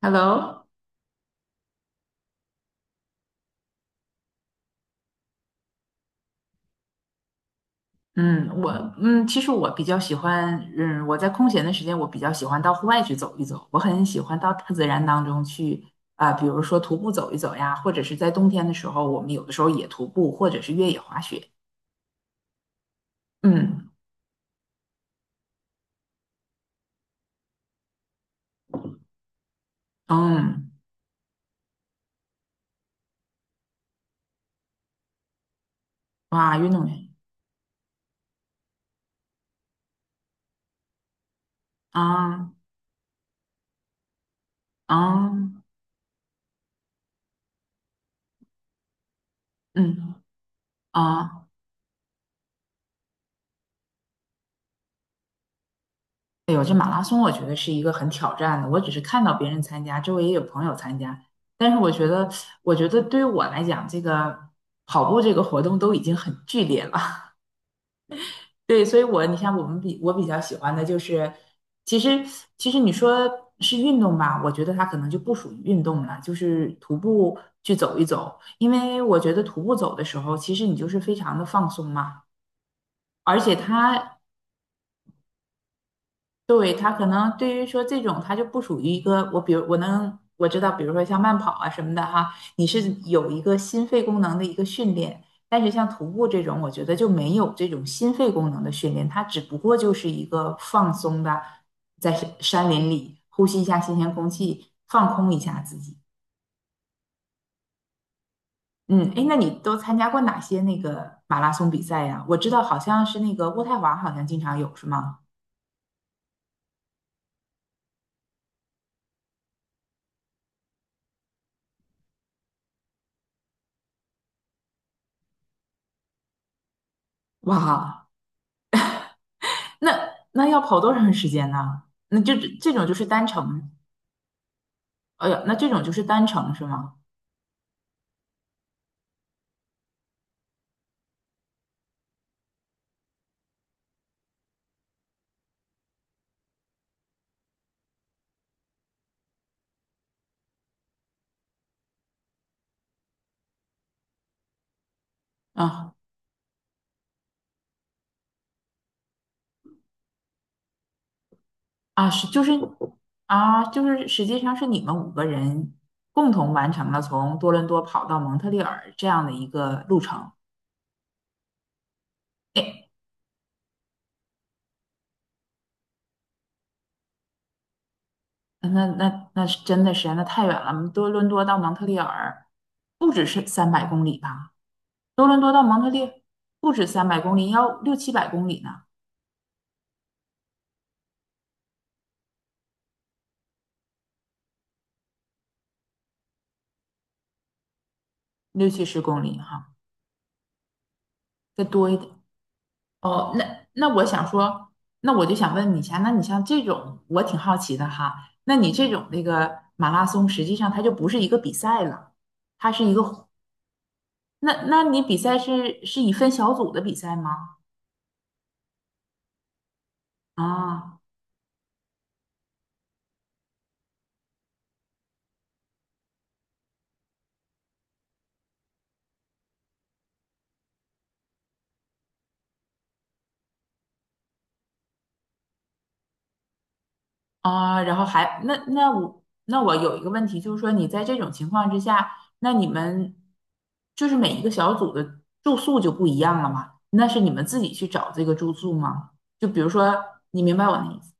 Hello，嗯，我其实我比较喜欢，我在空闲的时间，我比较喜欢到户外去走一走。我很喜欢到大自然当中去，啊、比如说徒步走一走呀，或者是在冬天的时候，我们有的时候也徒步，或者是越野滑雪。嗯嗯，哇，运动员。啊。啊。嗯。啊。哎呦，这马拉松我觉得是一个很挑战的。我只是看到别人参加，周围也有朋友参加，但是我觉得，我觉得对于我来讲，这个跑步这个活动都已经很剧烈了。对，所以我，你像我们比我比较喜欢的就是，其实其实你说是运动吧，我觉得它可能就不属于运动了，就是徒步去走一走，因为我觉得徒步走的时候，其实你就是非常的放松嘛，而且它对，他可能对于说这种，他就不属于一个我，比如我能我知道，比如说像慢跑啊什么的哈，你是有一个心肺功能的一个训练，但是像徒步这种，我觉得就没有这种心肺功能的训练，它只不过就是一个放松的，在山林里呼吸一下新鲜空气，放空一下自己。嗯，哎，那你都参加过哪些那个马拉松比赛呀？我知道好像是那个渥太华好像经常有，是吗？哇，那要跑多长时间呢？那这种就是单程，哎呀，那这种就是单程是吗？啊啊啊,就是实际上是你们五个人共同完成了从多伦多跑到蒙特利尔这样的一个路程。哎，那是真的是那太远了，多伦多到蒙特利尔不只是三百公里吧？多伦多到蒙特利不止三百公里，要六七百公里呢，六七十公里哈，再多一点。哦，那那我想说，那我就想问你一下，那你像这种，我挺好奇的哈，那你这种那个马拉松，实际上它就不是一个比赛了，它是一个活，那你比赛是是以分小组的比赛吗？啊。啊，然后还那我有一个问题，就是说你在这种情况之下，那你们就是每一个小组的住宿就不一样了吗？那是你们自己去找这个住宿吗？就比如说，你明白我的意思？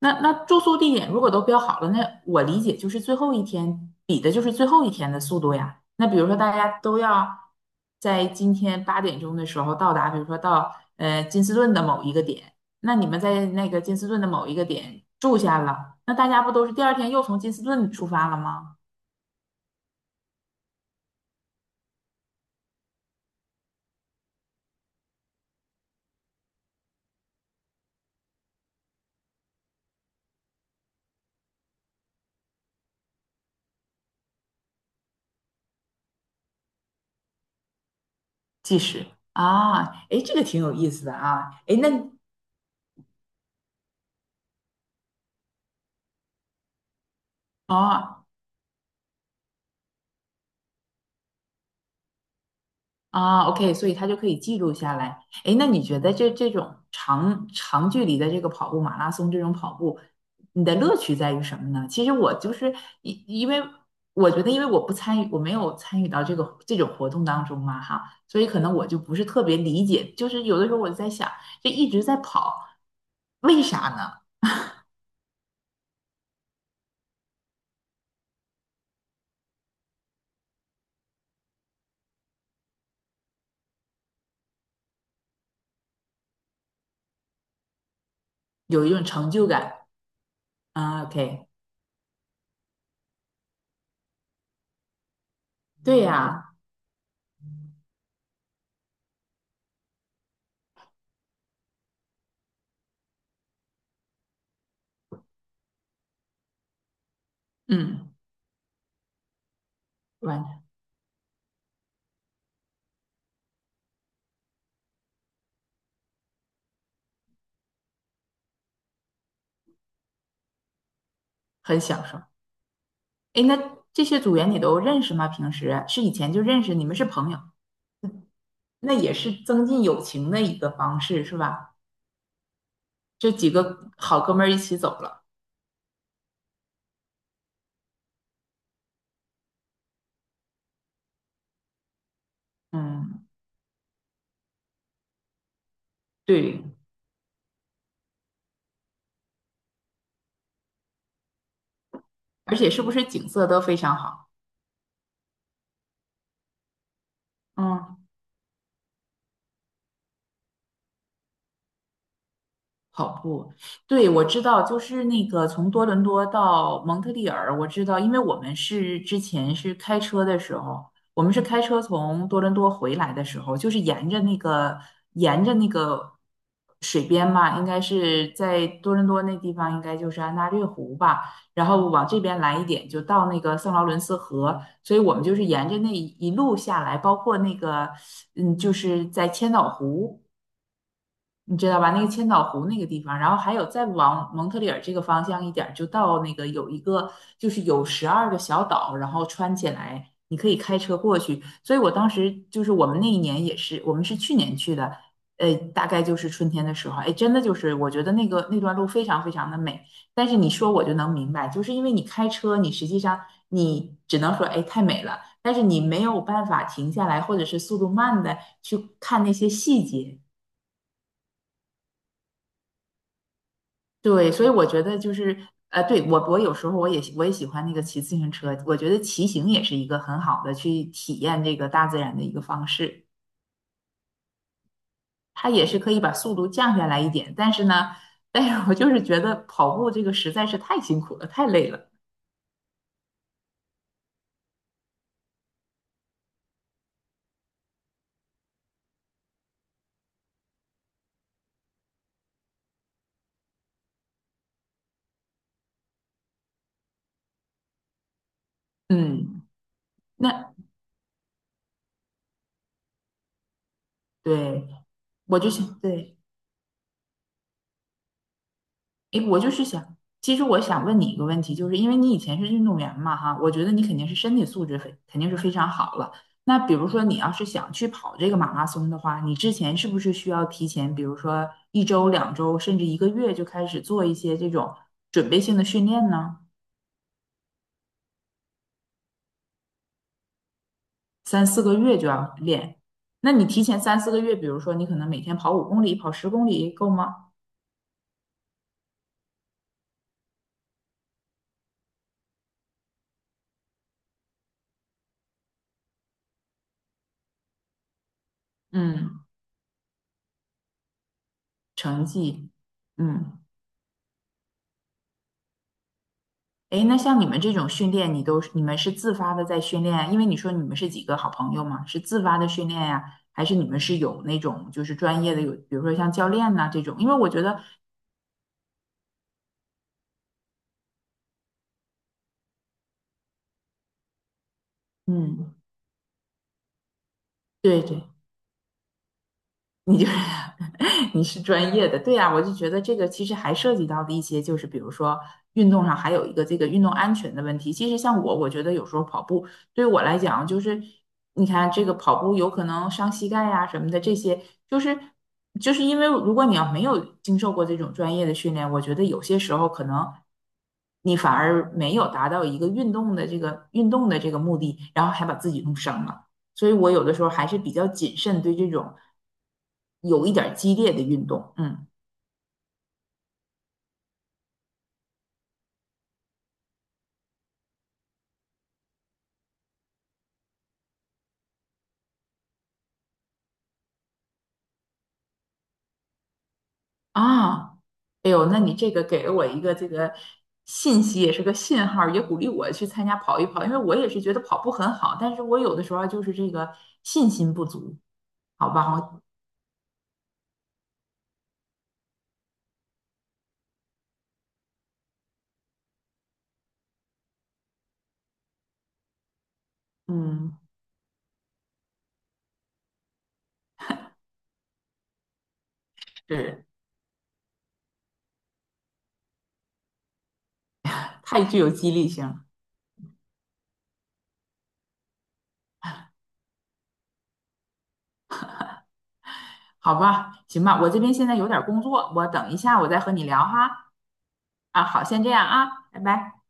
那那住宿地点如果都标好了，那我理解就是最后一天比的就是最后一天的速度呀。那比如说大家都要在今天8点钟的时候到达，比如说到金斯顿的某一个点，那你们在那个金斯顿的某一个点住下了，那大家不都是第二天又从金斯顿出发了吗？计时。啊，哎，这个挺有意思的啊，哎，那哦，啊，OK，所以他就可以记录下来。哎，那你觉得这种长距离的这个跑步，马拉松这种跑步，你的乐趣在于什么呢？其实我就是因为我觉得，因为我不参与，我没有参与到这个这种活动当中嘛，哈，所以可能我就不是特别理解。就是有的时候我就在想，这一直在跑，为啥呢？有一种成就感。啊，OK，对呀。嗯。完。很享受。哎，那这些组员你都认识吗？平时是以前就认识，你们是朋友，那也是增进友情的一个方式，是吧？这几个好哥们儿一起走了。嗯，对，而且是不是景色都非常好？嗯。跑步。对，我知道，就是那个从多伦多到蒙特利尔，我知道，因为我们是之前是开车的时候，我们是开车从多伦多回来的时候，就是沿着那个沿着那个水边嘛，应该是在多伦多那地方，应该就是安大略湖吧，然后往这边来一点，就到那个圣劳伦斯河，所以我们就是沿着那一路下来，包括那个嗯，就是在千岛湖。你知道吧？那个千岛湖那个地方，然后还有再往蒙特利尔这个方向一点儿就到那个有一个就是有12个小岛，然后穿起来，你可以开车过去。所以我当时就是我们那一年也是，我们是去年去的，大概就是春天的时候，哎，真的就是我觉得那个那段路非常非常的美。但是你说我就能明白，就是因为你开车，你实际上你只能说哎太美了，但是你没有办法停下来，或者是速度慢的去看那些细节。对，所以我觉得就是，对，我我有时候我也喜欢那个骑自行车，我觉得骑行也是一个很好的去体验这个大自然的一个方式，它也是可以把速度降下来一点，但是呢，但是我就是觉得跑步这个实在是太辛苦了，太累了，嗯，那对，我就想对。诶，我就是想，其实我想问你一个问题，就是因为你以前是运动员嘛，哈，我觉得你肯定是身体素质非肯定是非常好了。那比如说你要是想去跑这个马拉松的话，你之前是不是需要提前，比如说一周、2周，甚至一个月就开始做一些这种准备性的训练呢？三四个月就要练。那你提前三四个月，比如说你可能每天跑5公里、跑十公里够吗？嗯，成绩，嗯。哎，那像你们这种训练，你都是你们是自发的在训练？因为你说你们是几个好朋友嘛，是自发的训练呀，还是你们是有那种就是专业的有，比如说像教练呐、这种？因为我觉得，嗯，对对，你就是 你是专业的，对呀，我就觉得这个其实还涉及到的一些，就是比如说运动上还有一个这个运动安全的问题。其实像我，我觉得有时候跑步对于我来讲，就是你看这个跑步有可能伤膝盖呀、什么的，这些就是就是因为如果你要没有经受过这种专业的训练，我觉得有些时候可能你反而没有达到一个运动的这个目的，然后还把自己弄伤了。所以我有的时候还是比较谨慎对这种有一点儿激烈的运动。嗯。啊，哎呦，那你这个给了我一个这个信息，也是个信号儿也鼓励我去参加跑一跑，因为我也是觉得跑步很好，但是我有的时候就是这个信心不足，好吧，我嗯，是太具有激励性了，好吧，行吧，我这边现在有点儿工作，我等一下我再和你聊哈。啊，好，先这样啊，拜拜。